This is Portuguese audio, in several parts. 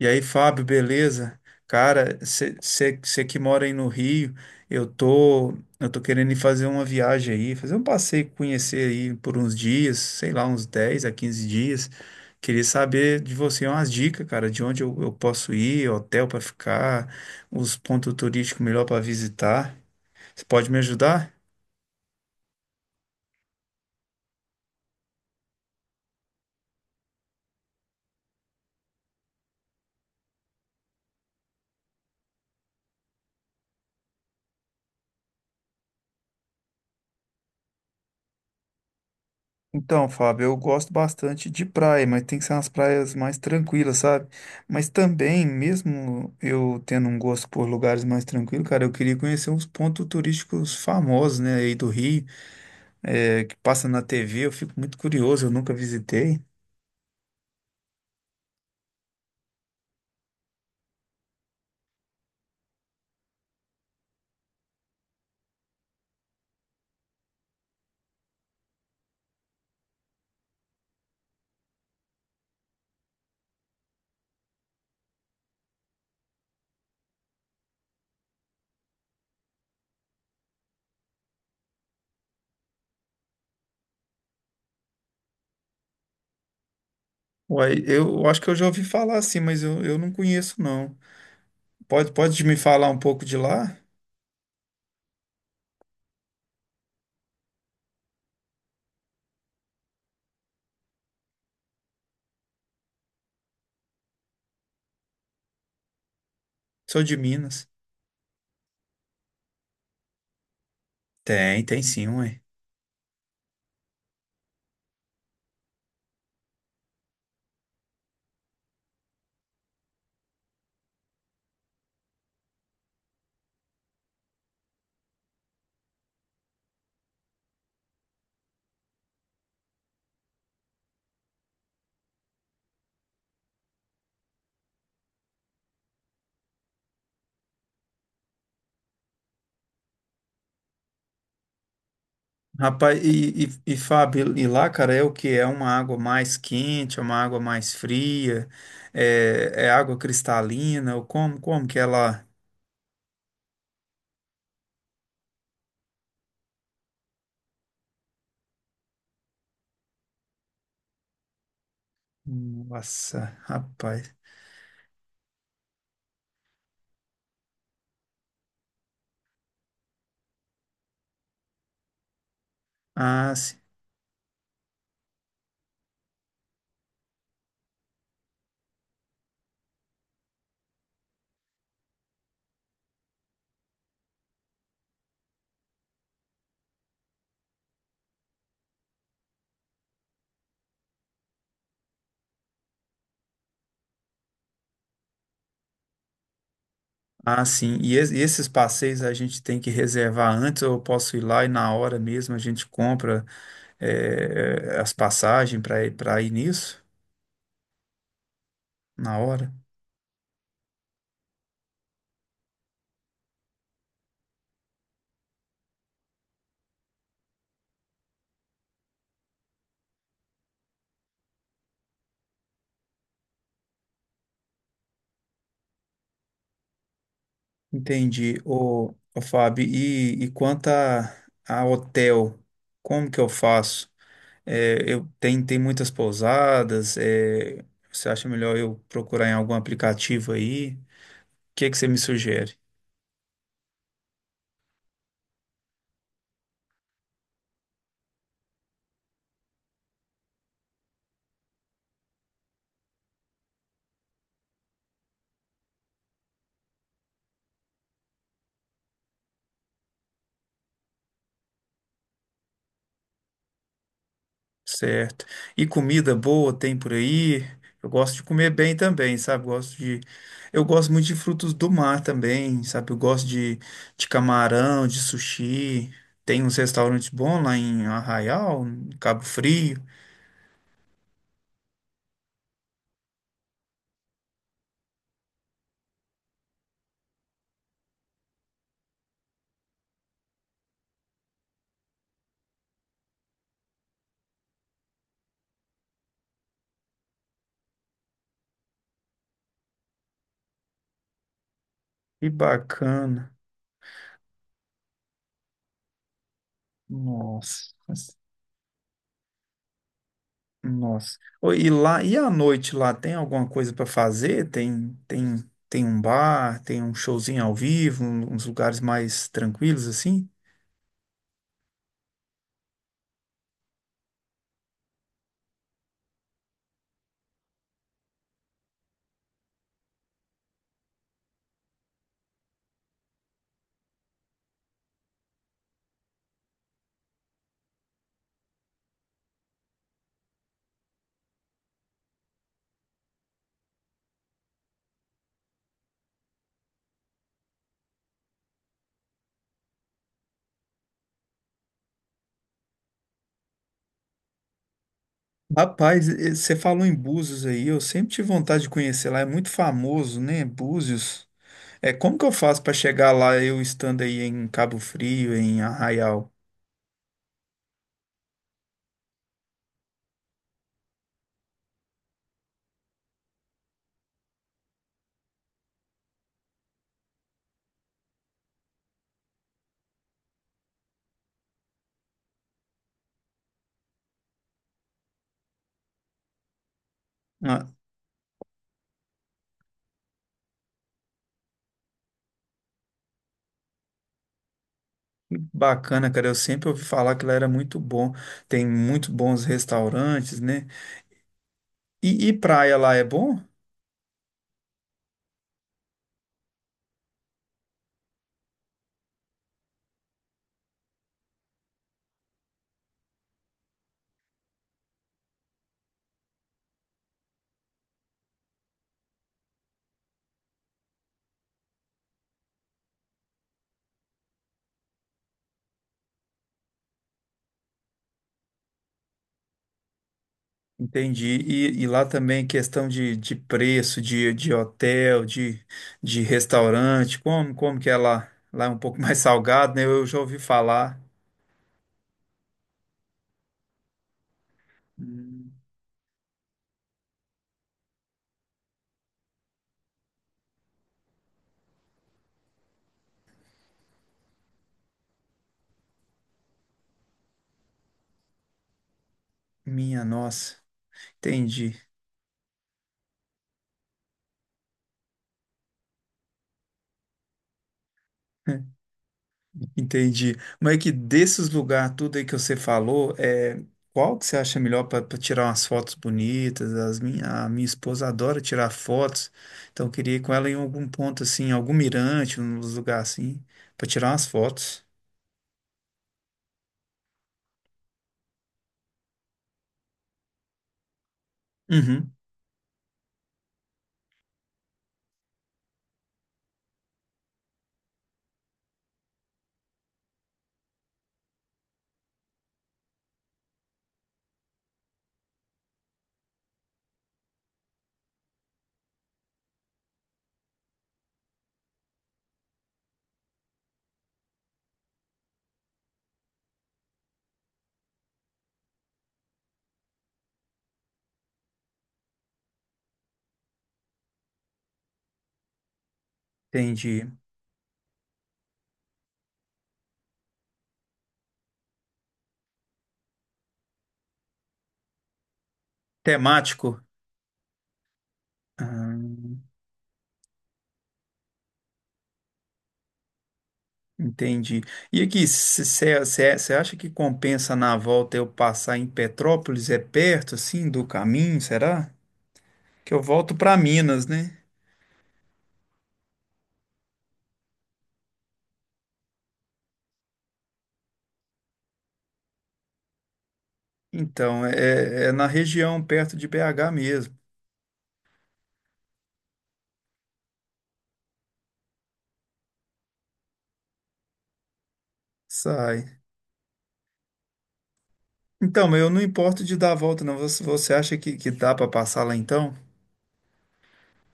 E aí, Fábio, beleza? Cara, você que mora aí no Rio, eu tô, eu tô querendo ir fazer uma viagem aí, fazer um passeio, conhecer aí por uns dias, sei lá, uns 10 a 15 dias. Queria saber de você umas dicas, cara, de onde eu posso ir, hotel para ficar, os pontos turísticos melhor para visitar. Você pode me ajudar? Então, Fábio, eu gosto bastante de praia, mas tem que ser umas praias mais tranquilas, sabe? Mas também, mesmo eu tendo um gosto por lugares mais tranquilos, cara, eu queria conhecer uns pontos turísticos famosos, né, aí do Rio, que passa na TV, eu fico muito curioso, eu nunca visitei. Uai, eu acho que eu já ouvi falar assim, mas eu não conheço, não. Pode me falar um pouco de lá? Sou de Minas. Tem, tem sim, ué. Rapaz, e Fábio, e lá, cara, é o que? É uma água mais quente, é uma água mais fria, é água cristalina, ou como que é lá? Nossa, rapaz. Ah, sim. Ah, sim. E, e esses passeios a gente tem que reservar antes, ou eu posso ir lá e na hora mesmo a gente compra as passagens para para ir nisso? Na hora? Entendi. Ô Fábio, e quanto a hotel, como que eu faço? É, tem muitas pousadas. Você acha melhor eu procurar em algum aplicativo aí? O que é que você me sugere? Certo. E comida boa tem por aí? Eu gosto de comer bem também, sabe? Eu gosto muito de frutos do mar também, sabe? De camarão, de sushi. Tem uns restaurantes bons lá em Arraial, em Cabo Frio. Que bacana. Nossa. Nossa. Ô, e lá, e à noite lá tem alguma coisa para fazer? Tem um bar, tem um showzinho ao vivo, uns lugares mais tranquilos assim? Rapaz, você falou em Búzios aí, eu sempre tive vontade de conhecer lá, é muito famoso, né? Búzios. É, como que eu faço para chegar lá eu estando aí em Cabo Frio, em Arraial? Ah, bacana, cara, eu sempre ouvi falar que lá era muito bom. Tem muito bons restaurantes, né? E praia lá é bom? Entendi. E lá também questão de preço, de hotel, de restaurante, como que é lá? Lá é um pouco mais salgado, né? Eu já ouvi falar. Hum, Minha nossa, entendi. Entendi. Mas é que desses lugares, tudo aí que você falou, é, qual que você acha melhor para tirar umas fotos bonitas? A minha esposa adora tirar fotos, então eu queria ir com ela em algum ponto assim, algum mirante, uns lugar assim, para tirar umas fotos. Uhum. Entendi. Temático? Hum, entendi. E aqui, você acha que compensa na volta eu passar em Petrópolis? É perto, assim, do caminho, será? Que eu volto para Minas, né? Então, é, é na região perto de BH mesmo. Sai. Então, mas eu não importo de dar a volta, não. Você acha que dá para passar lá então?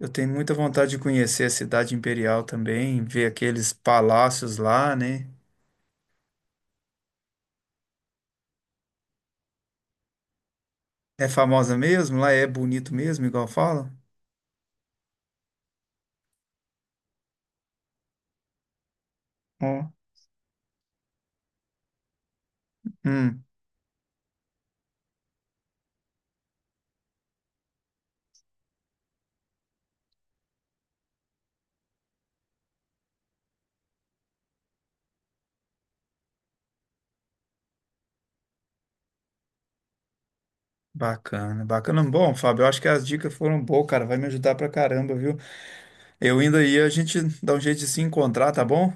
Eu tenho muita vontade de conhecer a cidade imperial também, ver aqueles palácios lá, né? É famosa mesmo? Lá é bonito mesmo, igual fala? Ó, hum, bacana, bacana. Bom, Fábio, eu acho que as dicas foram boas, cara. Vai me ajudar pra caramba, viu? Eu indo aí, a gente dá um jeito de se encontrar, tá bom?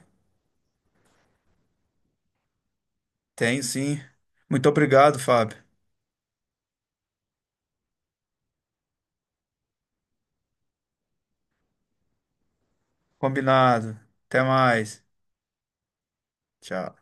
Tem sim. Muito obrigado, Fábio. Combinado. Até mais. Tchau.